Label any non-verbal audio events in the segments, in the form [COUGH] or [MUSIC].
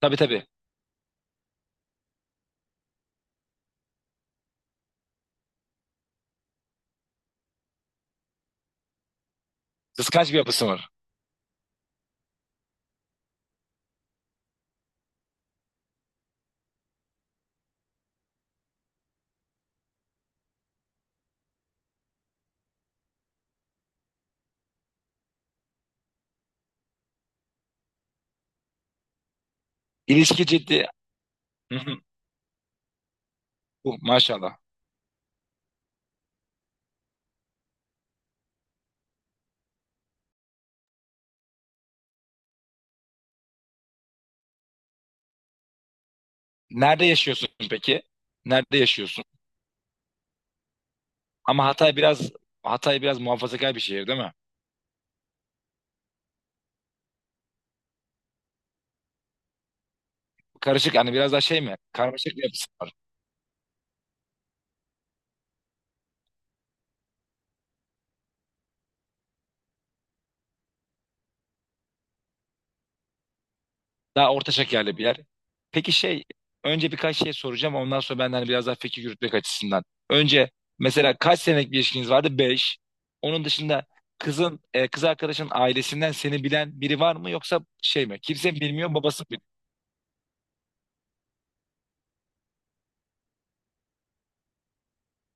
Tabii tabii. Kıskanç bir yapısı var. İlişki ciddi. Hı hı. Maşallah. Nerede yaşıyorsun peki? Nerede yaşıyorsun? Ama Hatay biraz muhafazakar bir şehir değil mi? Karışık hani biraz daha şey mi? Karmaşık bir yapısı var. Daha orta şekerli bir yer. Peki şey önce birkaç şey soracağım ondan sonra ben de hani biraz daha fikir yürütmek açısından. Önce mesela kaç senelik bir ilişkiniz vardı? Beş. Onun dışında kız arkadaşın ailesinden seni bilen biri var mı yoksa şey mi? Kimse bilmiyor babası mı?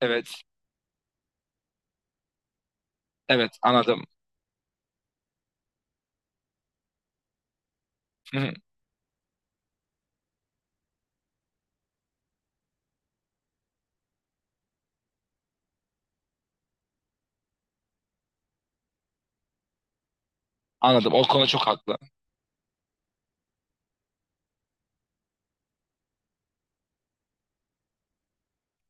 Evet. Evet anladım. Hı hı. Anladım. O konuda çok haklı.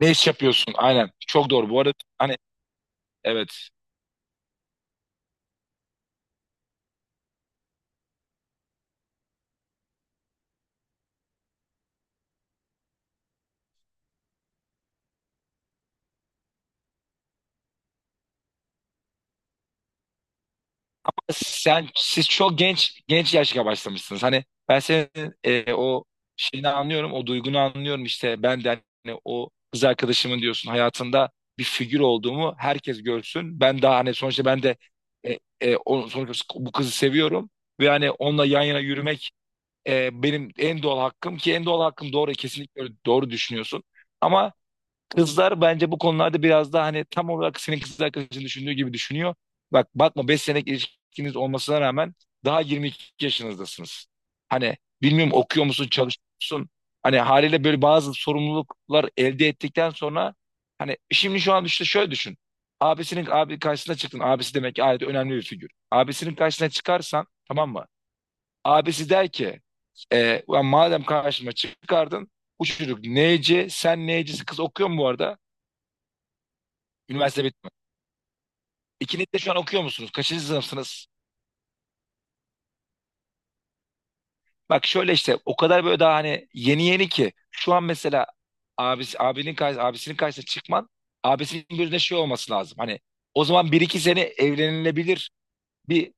Ne iş yapıyorsun? Aynen. Çok doğru. Bu arada hani evet. Siz çok genç genç yaşta başlamışsınız. Hani ben senin o şeyini anlıyorum. O duygunu anlıyorum işte. Ben de hani o kız arkadaşımın diyorsun hayatında bir figür olduğumu herkes görsün. Ben daha hani sonuçta ben de sonuçta bu kızı seviyorum ve hani onunla yan yana yürümek benim en doğal hakkım ki en doğal hakkım doğru kesinlikle doğru düşünüyorsun. Ama kızlar bence bu konularda biraz daha hani tam olarak senin kız arkadaşın düşündüğü gibi düşünüyor. Bak bakma 5 senelik ilişkiniz olmasına rağmen daha 22 yaşınızdasınız. Hani bilmiyorum okuyor musun, çalışıyor musun? Hani haliyle böyle bazı sorumluluklar elde ettikten sonra hani şimdi şu an işte şöyle düşün. Abisinin abi karşısına çıktın. Abisi demek ki ailede önemli bir figür. Abisinin karşısına çıkarsan tamam mı? Abisi der ki "Ulan madem karşıma çıkardın bu çocuk neyci sen neycisi kız okuyor mu bu arada? Üniversite bitme. İkiniz de şu an okuyor musunuz? Kaçıncı sınıfsınız? Bak şöyle işte o kadar böyle daha hani yeni yeni ki şu an mesela abisinin karşısına çıkman abisinin gözünde şey olması lazım. Hani o zaman bir iki sene evlenilebilir bir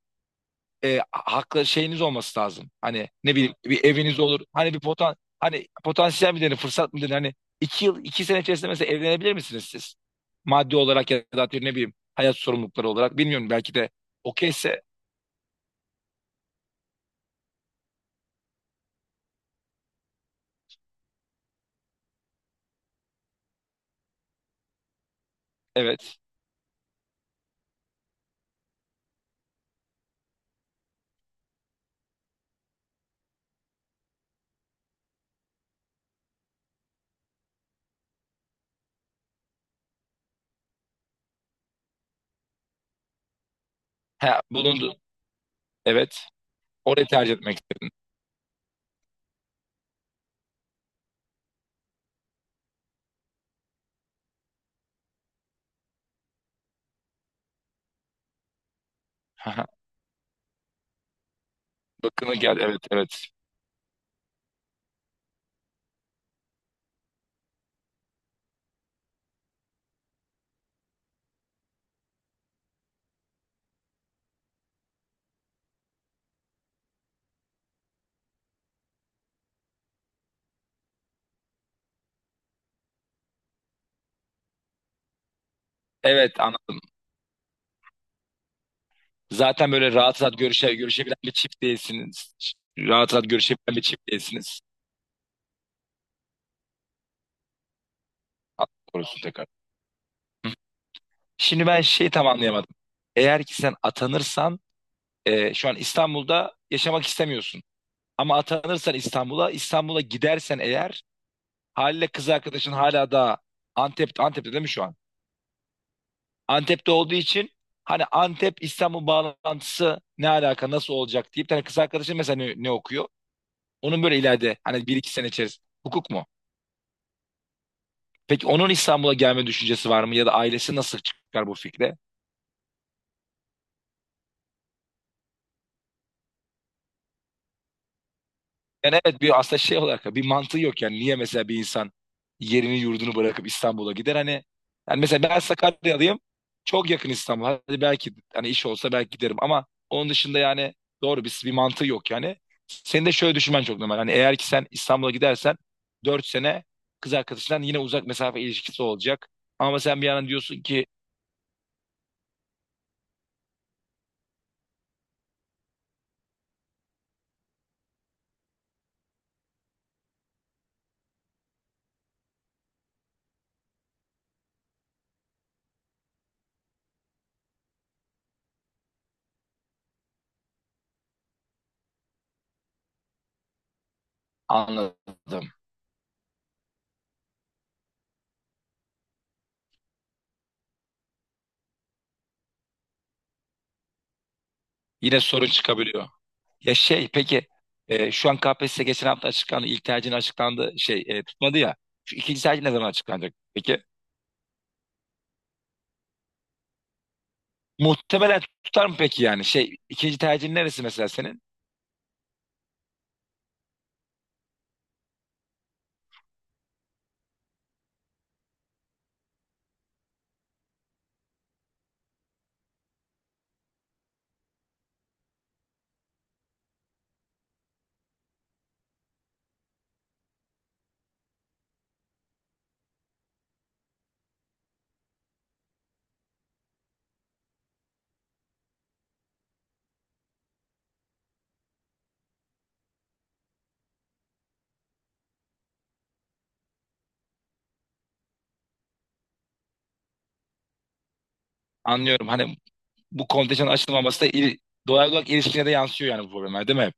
haklı şeyiniz olması lazım. Hani ne bileyim bir eviniz olur. Hani bir potansiyel mi denir fırsat mı denir? Hani iki sene içerisinde mesela evlenebilir misiniz siz? Maddi olarak ya da atıyorum ne bileyim hayat sorumlulukları olarak bilmiyorum belki de okeyse evet. Ha, bulundu. Evet. Orayı tercih etmek istedim. [LAUGHS] Bakını gel. Evet, evet. Evet, anladım. Zaten böyle rahat rahat görüşebilen bir çift değilsiniz. Rahat rahat görüşebilen bir çift değilsiniz. Allah korusun tekrar. Hı. Şimdi ben şeyi tam anlayamadım. Eğer ki sen atanırsan şu an İstanbul'da yaşamak istemiyorsun. Ama atanırsan İstanbul'a, gidersen eğer haliyle kız arkadaşın hala da Antep'te değil mi şu an? Antep'te olduğu için hani Antep İstanbul bağlantısı ne alaka nasıl olacak diye bir tane kız arkadaşım mesela ne okuyor? Onun böyle ileride hani bir iki sene içerisinde hukuk mu? Peki onun İstanbul'a gelme düşüncesi var mı ya da ailesi nasıl çıkar bu fikre? Yani evet bir aslında şey olarak bir mantığı yok yani niye mesela bir insan yerini yurdunu bırakıp İstanbul'a gider hani yani mesela ben Sakaryalıyım çok yakın İstanbul, hadi belki hani iş olsa belki giderim ama onun dışında yani doğru bir mantığı yok yani senin de şöyle düşünmen çok normal hani eğer ki sen İstanbul'a gidersen 4 sene kız arkadaşından yine uzak mesafe ilişkisi olacak ama sen bir yandan diyorsun ki anladım yine sorun çıkabiliyor. Ya şey peki şu an KPSS geçen hafta açıklandı. İlk tercihin açıklandı. Şey tutmadı ya. Şu ikinci tercih ne zaman açıklanacak? Peki muhtemelen tutar mı peki yani? Şey ikinci tercihin neresi mesela senin? Anlıyorum hani bu kontenjanın açılmaması da doğal olarak ilişkine de yansıyor yani bu problemler değil mi?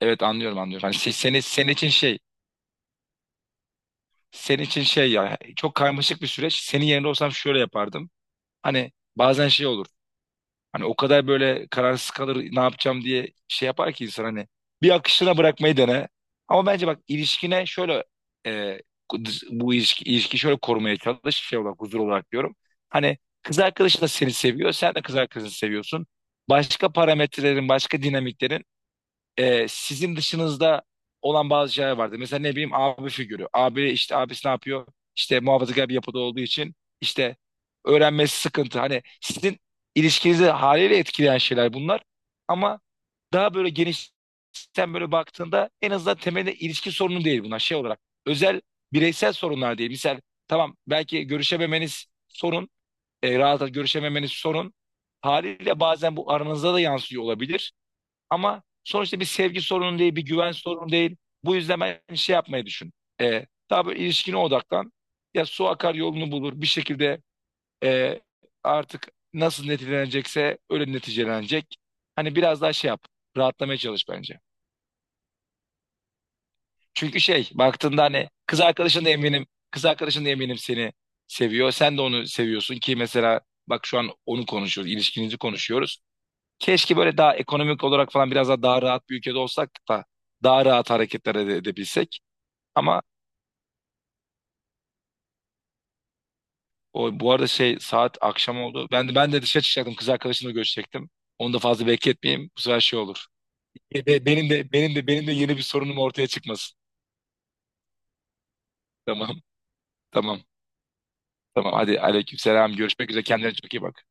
Evet anlıyorum anlıyorum. Hani şey, senin için şey senin için şey ya çok karmaşık bir süreç. Senin yerinde olsam şöyle yapardım. Hani bazen şey olur. Hani o kadar böyle kararsız kalır ne yapacağım diye şey yapar ki insan hani bir akışına bırakmayı dene. Ama bence bak ilişkine şöyle e, bu ilişki şöyle korumaya çalış şey olarak huzur olarak diyorum. Hani kız arkadaşın da seni seviyor sen de kız arkadaşını seviyorsun. Başka parametrelerin başka dinamiklerin sizin dışınızda olan bazı şeyler vardı. Mesela ne bileyim abi figürü. Abi işte abisi ne yapıyor? İşte muhafazakar bir yapıda olduğu için işte öğrenmesi sıkıntı. Hani sizin ilişkinizi haliyle etkileyen şeyler bunlar. Ama daha böyle geniş sen böyle baktığında en azından temelde ilişki sorunu değil bunlar şey olarak. Özel bireysel sorunlar değil. Misal tamam belki görüşememeniz sorun. Rahat rahat görüşememeniz sorun. Haliyle bazen bu aranızda da yansıyor olabilir. Ama sonuçta bir sevgi sorunu değil, bir güven sorunu değil. Bu yüzden ben şey yapmayı düşün. Daha böyle ilişkine odaklan. Ya su akar yolunu bulur. Bir şekilde e, artık nasıl neticelenecekse öyle neticelenecek. Hani biraz daha şey yap. Rahatlamaya çalış bence. Çünkü şey baktığında hani kız arkadaşın da eminim. Kız arkadaşın da eminim seni seviyor. Sen de onu seviyorsun ki mesela bak şu an onu konuşuyoruz. İlişkinizi konuşuyoruz. Keşke böyle daha ekonomik olarak falan biraz daha rahat bir ülkede olsak da daha rahat hareketler edebilsek. Ama bu arada şey saat akşam oldu. Ben de dışarı çıkacaktım. Kız arkadaşımla görüşecektim. Onu da fazla bekletmeyeyim. Bu sefer şey olur. Benim de yeni bir sorunum ortaya çıkmasın. Tamam. Tamam. Tamam. Hadi aleykümselam. Görüşmek üzere. Kendine çok iyi bak.